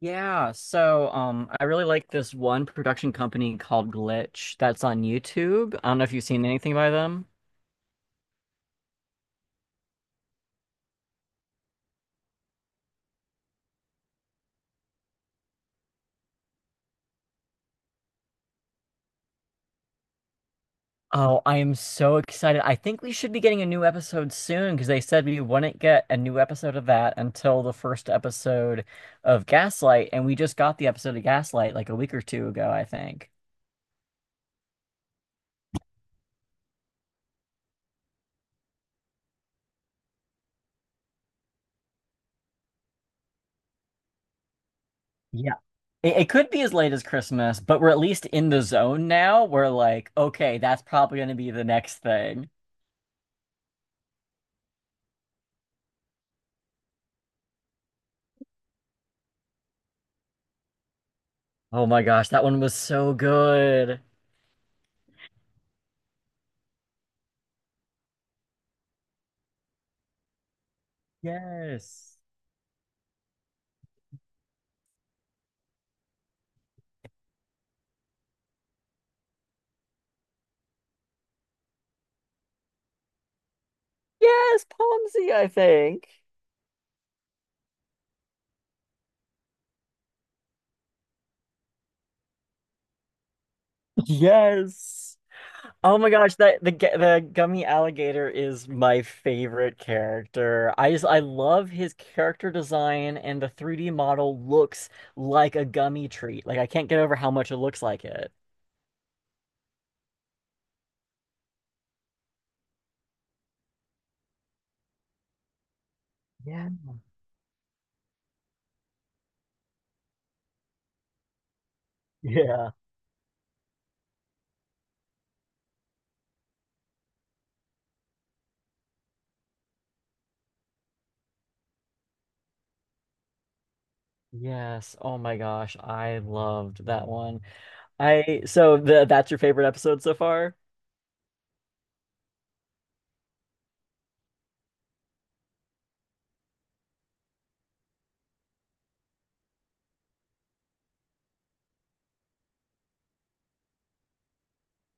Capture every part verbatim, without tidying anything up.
Yeah, so um I really like this one production company called Glitch that's on YouTube. I don't know if you've seen anything by them. Oh, I am so excited. I think we should be getting a new episode soon because they said we wouldn't get a new episode of that until the first episode of Gaslight, and we just got the episode of Gaslight like a week or two ago, I think. Yeah. It, it could be as late as Christmas, but we're at least in the zone now. We're like, okay, that's probably going to be the next thing. Oh my gosh, that one was so good. Yes. Yes, Pomsey, I think. Yes. Oh my gosh, that the gu- the gummy alligator is my favorite character. I just I love his character design and the three D model looks like a gummy treat. Like I can't get over how much it looks like it. Yeah. Yeah. Yes. Oh my gosh, I loved that one. I so the that's your favorite episode so far?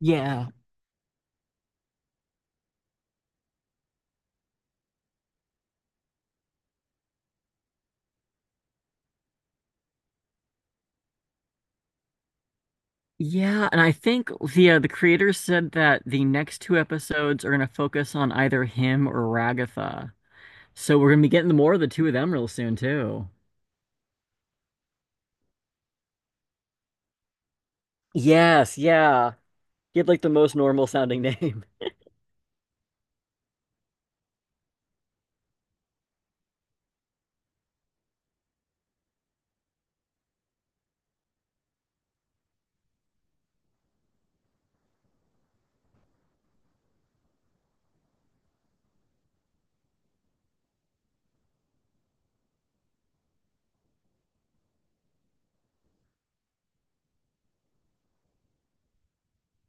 Yeah. Yeah, and I think the uh, the creators said that the next two episodes are gonna focus on either him or Ragatha. So we're gonna be getting more of the two of them real soon too. Yes, yeah. He had like the most normal sounding name.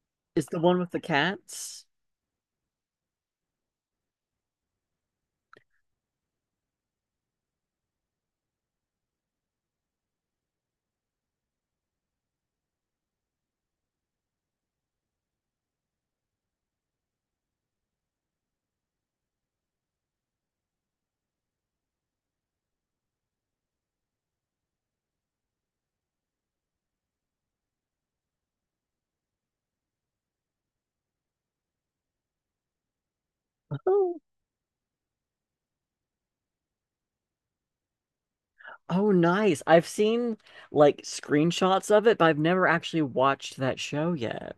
Is the one with the cats? Oh, oh, nice. I've seen like screenshots of it, but I've never actually watched that show yet.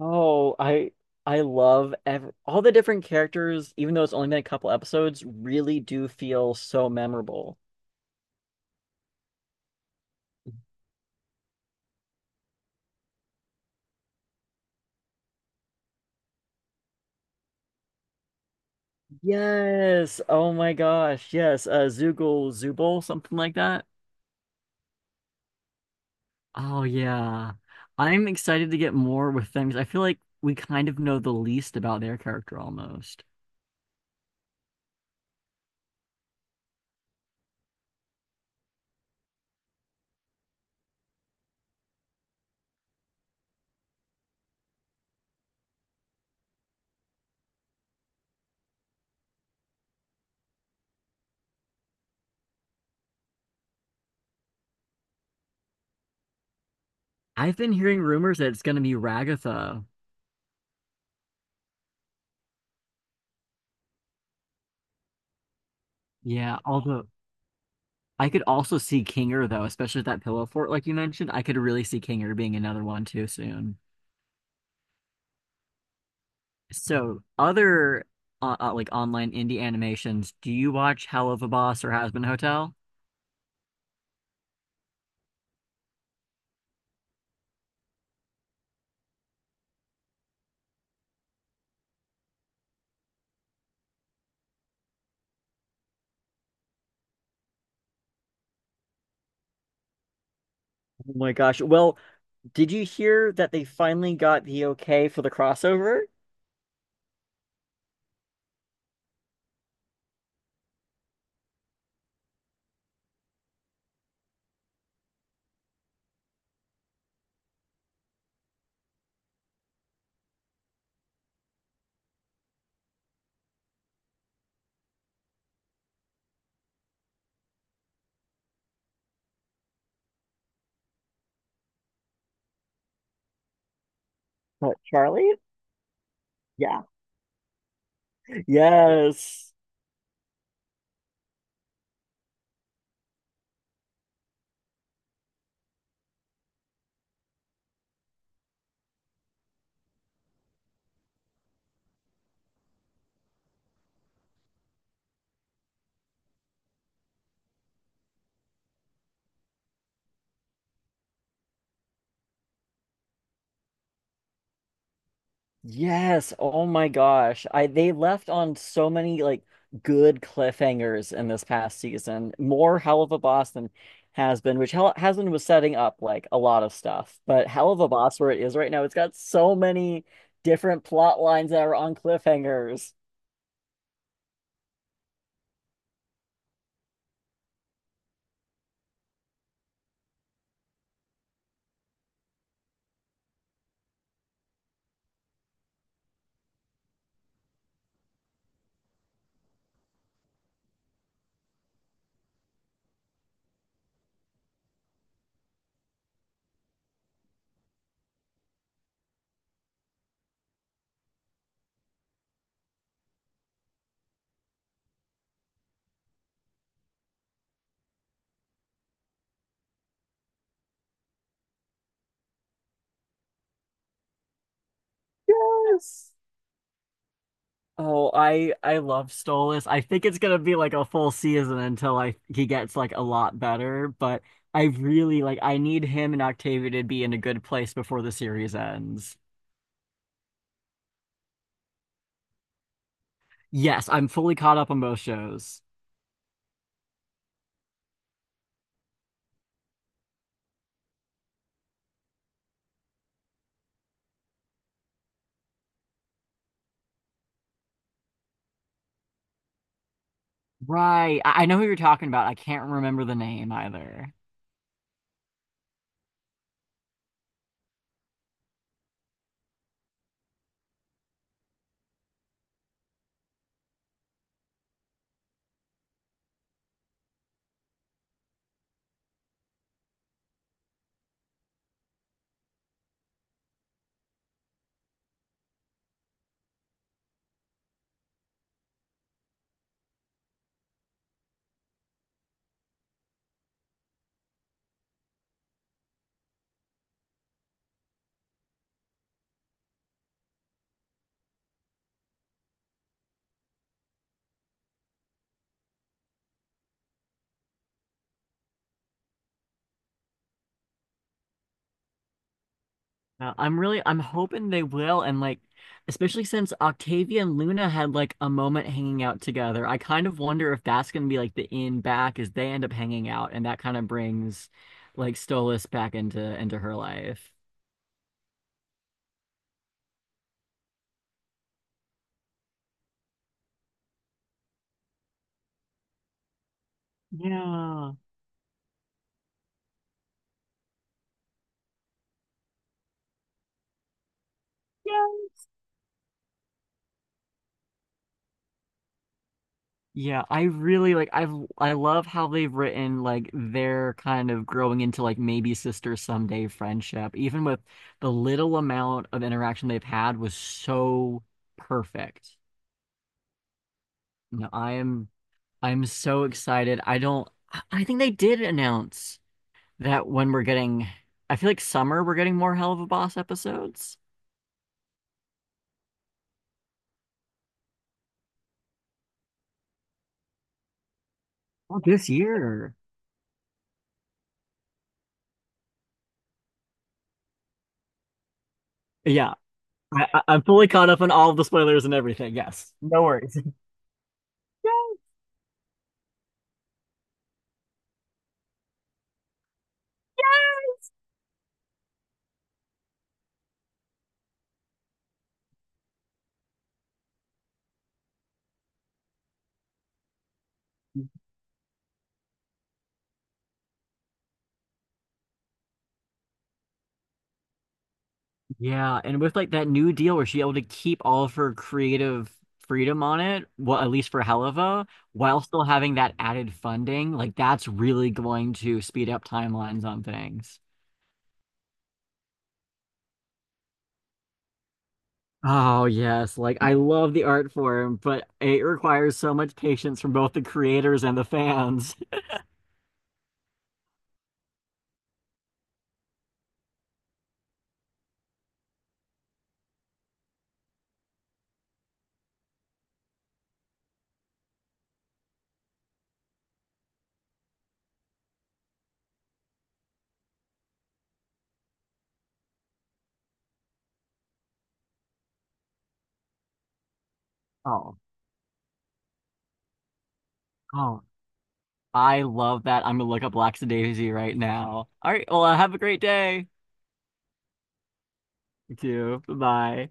Oh, I I love ev all the different characters, even though it's only been a couple episodes, really do feel so memorable. Yes. Oh my gosh. Yes. Uh, Zoogle, Zooble, something like that. Oh yeah. I'm excited to get more with them because I feel like we kind of know the least about their character almost. I've been hearing rumors that it's going to be Ragatha. Yeah, although I could also see Kinger though, especially with that pillow fort like you mentioned. I could really see Kinger being another one too soon. So, other uh, uh, like online indie animations, do you watch Hell of a Boss or Has Been Hotel? Oh my gosh. Well, did you hear that they finally got the okay for the crossover? What, Charlie? Yeah. Yes. Yes. Oh my gosh. I they left on so many like good cliffhangers in this past season. More Hell of a Boss than has been, which Hell has been was setting up like a lot of stuff. But Hell of a Boss where it is right now, it's got so many different plot lines that are on cliffhangers. Yes. Oh, I I love Stolas. I think it's gonna be like a full season until I he gets like a lot better, but I really like I need him and Octavia to be in a good place before the series ends. Yes, I'm fully caught up on both shows. Right. I, I know who you're talking about. I can't remember the name either. Uh, I'm really I'm hoping they will, and like especially since Octavia and Luna had like a moment hanging out together. I kind of wonder if that's going to be like the in back as they end up hanging out, and that kind of brings like Stolas back into into her life. Yeah. Yeah. Yeah, I really like I've I love how they've written like their kind of growing into like maybe sister someday friendship, even with the little amount of interaction they've had was so perfect. No, I am I'm so excited. I don't, I I think they did announce that when we're getting, I feel like summer, we're getting more Hell of a Boss episodes. Oh, this year. Yeah, I, I- I'm fully caught up on all of the spoilers and everything. Yes, no worries. Yay! Yeah, and with like that new deal where she able to keep all of her creative freedom on it, well, at least for Helava, while still having that added funding, like that's really going to speed up timelines on things. Oh yes, like I love the art form, but it requires so much patience from both the creators and the fans. Oh, oh, I love that. I'm gonna look up Lackadaisy right now. All right, well, have a great day. You too. Bye.